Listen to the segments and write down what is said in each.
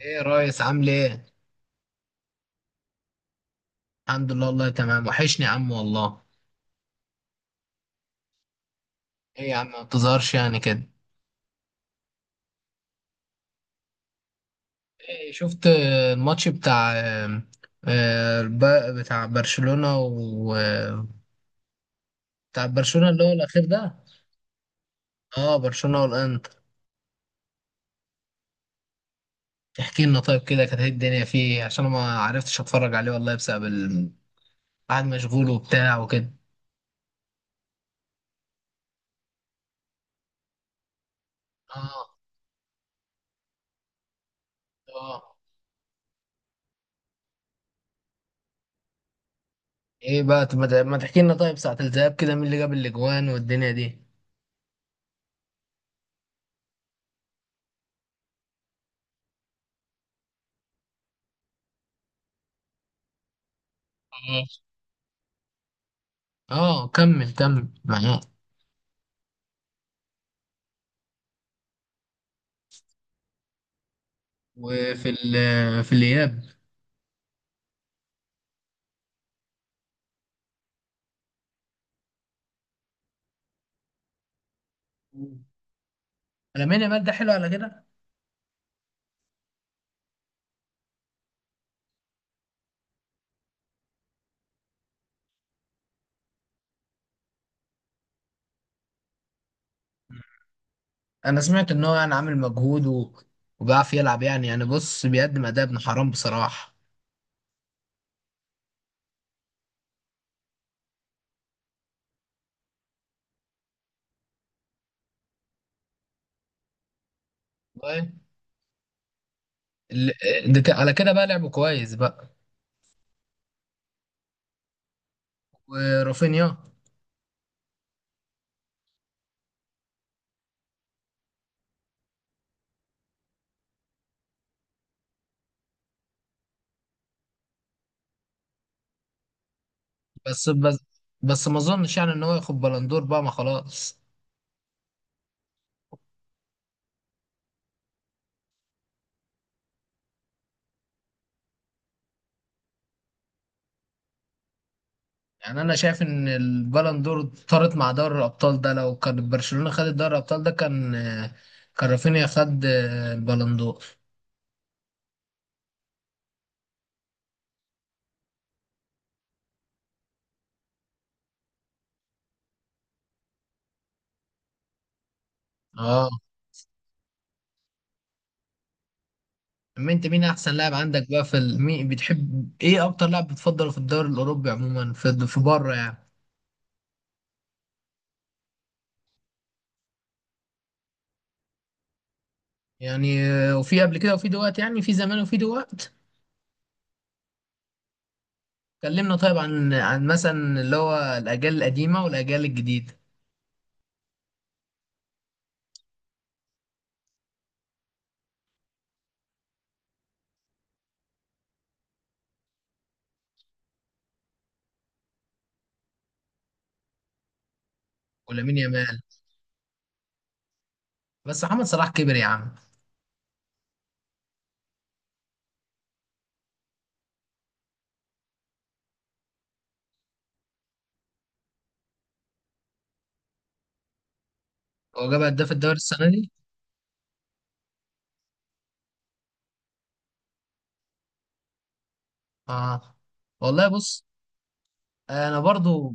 ايه يا ريس، عامل ايه؟ الحمد لله والله، تمام. وحشني يا عم والله. ايه يا عم، ما بتظهرش يعني كده. إيه شفت، الماتش بتاع بتاع برشلونة، و بتاع برشلونة اللي هو الأخير ده. اه، برشلونة والانتر. تحكي لنا طيب كده، كانت ايه الدنيا فيه؟ عشان أنا ما عرفتش اتفرج عليه والله، بسبب قاعد مشغول وبتاع وكده. اه. اه. ايه بقى، طب ما تحكي لنا طيب ساعة الذهاب كده، مين اللي جاب الاجوان والدنيا دي؟ اه. اه، كمل كمل معاك. وفي ال- في الإياب. مم. لامين يامال ده حلو على كده. انا سمعت ان هو يعني عامل مجهود. وبيعرف يلعب، يعني بص، بيقدم اداء ابن حرام بصراحه. طيب. ده على كده بقى لعبه كويس بقى. ورافينيا. بس بس بس، ما اظنش يعني ان هو ياخد بلندور بقى، ما خلاص. يعني انا شايف ان البلندور طارت مع دوري الابطال ده، لو كان برشلونه خدت دوري الابطال ده، كان رافينيا خد البلندور. اه. أما أنت، مين أحسن لاعب عندك بقى في مين بتحب؟ إيه أكتر لاعب بتفضله في الدوري الأوروبي عموما، في بره يعني؟ يعني وفي قبل كده وفي دلوقتي، يعني في زمان وفي دلوقتي. كلمنا طيب عن مثلا اللي هو الأجيال القديمة والأجيال الجديدة. ولامين يامال. بس محمد صلاح كبر يا عم. هو جاب هداف الدوري السنة دي؟ آه. والله بص، أنا برضو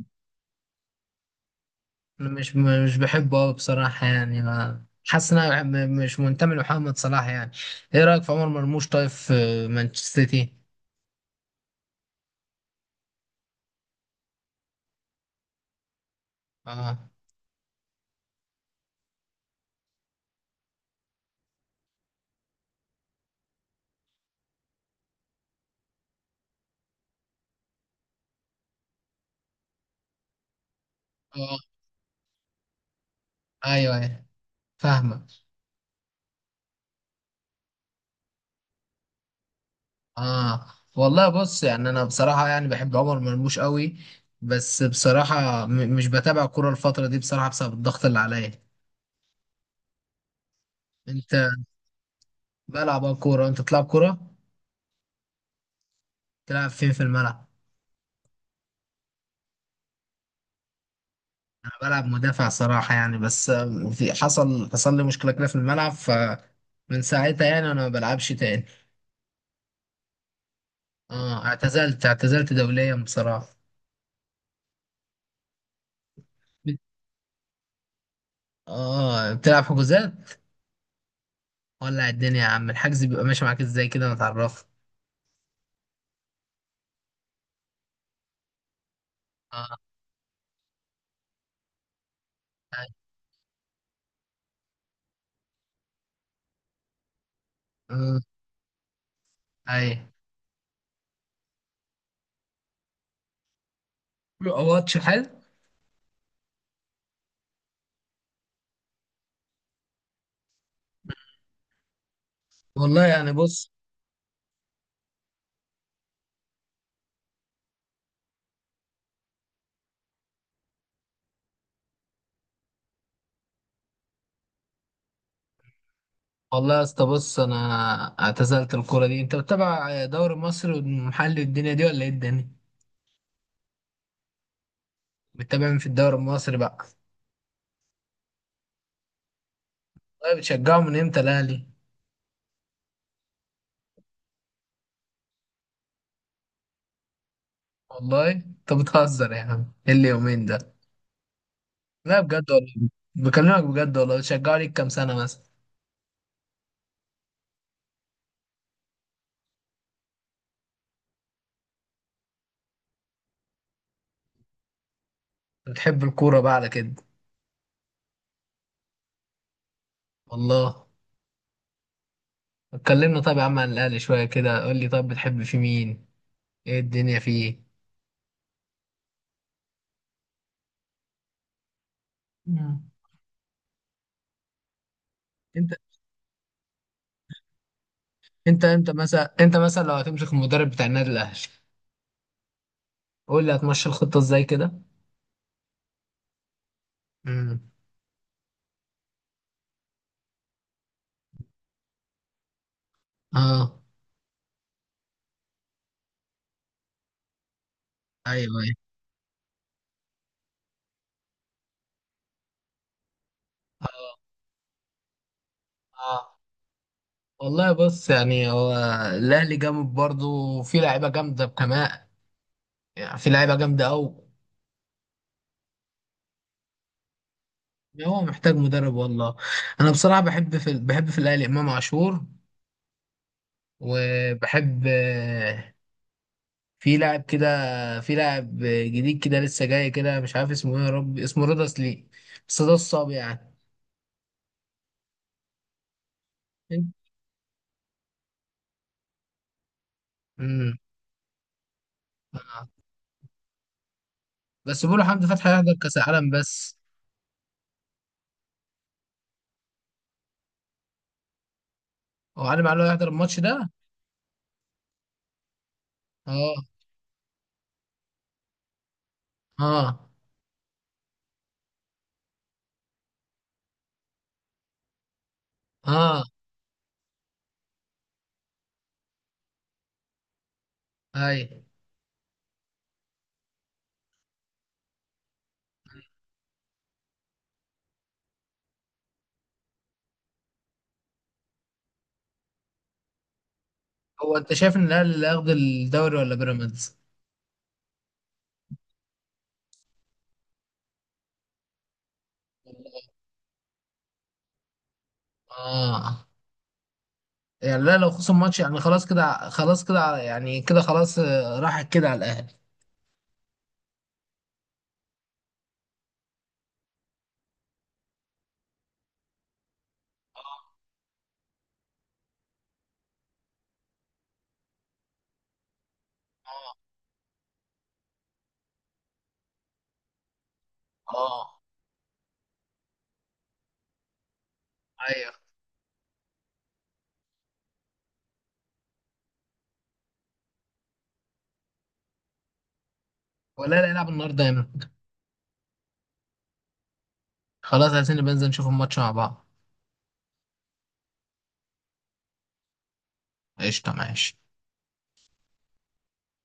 مش بحبه أوي بصراحة، يعني ما حاسس إن أنا مش منتمي لمحمد صلاح يعني. إيه رأيك في عمر مرموش طيب، في مانشستر سيتي؟ اه. اه، ايوه، ايوه، فاهمه. اه. والله بص، يعني انا بصراحه يعني بحب عمر مرموش قوي. بس بصراحه مش بتابع كوره الفتره دي بصراحه، بسبب الضغط اللي عليا. انت. بلعب، اه، كوره. انت تلعب كوره؟ تلعب فين في الملعب؟ انا بلعب مدافع صراحه، يعني بس في حصل لي مشكله كده في الملعب، فمن ساعتها يعني انا ما بلعبش تاني. اه، اعتزلت دوليا بصراحه. اه، بتلعب حجوزات. ولع الدنيا يا عم، الحجز بيبقى ماشي معاك ازاي كده، ما تعرف. اه. ايوه، ايوه، بيبقى ماتش حلو. والله يعني بص. والله يا اسطى بص، انا اعتزلت الكوره دي. انت بتتابع دوري مصر والمحلي الدنيا دي ولا ايه الدنيا؟ بتتابع مين في الدوري المصري بقى؟ والله بتشجعه من امتى الاهلي؟ والله انت بتهزر يا عم، ايه اليومين ده. لا، بجد والله، بكلمك بجد والله، بتشجعه ليك كام سنه مثلا؟ بتحب الكوره بقى على كده. والله. اتكلمنا طب يا عم عن الاهلي شويه كده، قول لي طب، بتحب في مين؟ ايه الدنيا فيه؟ مم. انت انت مثلا، لو هتمسك المدرب بتاع النادي الاهلي، قول لي هتمشي الخطه ازاي كده؟ امم. اه، ايوه ايوه. اه. اه، والله بص، يعني هو الاهلي جامد برضه، وفي لعيبه جامده كمان، يعني في لعيبه جامده قوي. هو محتاج مدرب والله. انا بصراحه بحب في الاهلي امام عاشور، وبحب في لاعب كده، في لاعب جديد كده لسه جاي كده، مش عارف اسمه ايه، يا رب اسمه رضا سليم، بس ده الصعب يعني. امم. آه. بس بيقولوا حمدي فتحي هيحضر كاس العالم بس. هو علي معلول هيحضر الماتش ده؟ اه. اه. اه. اي. هو انت شايف ان الاهلي اللي هياخد الدوري ولا بيراميدز؟ اه. يعني لا، لو خسر الماتش يعني خلاص كده، خلاص كده يعني كده، خلاص راحت كده على الاهلي. اه. اه. ايوه. ولا لا يلعب النهارده يا مان. خلاص، عايزين نبقى ننزل نشوف الماتش مع بعض. قشطة معاش.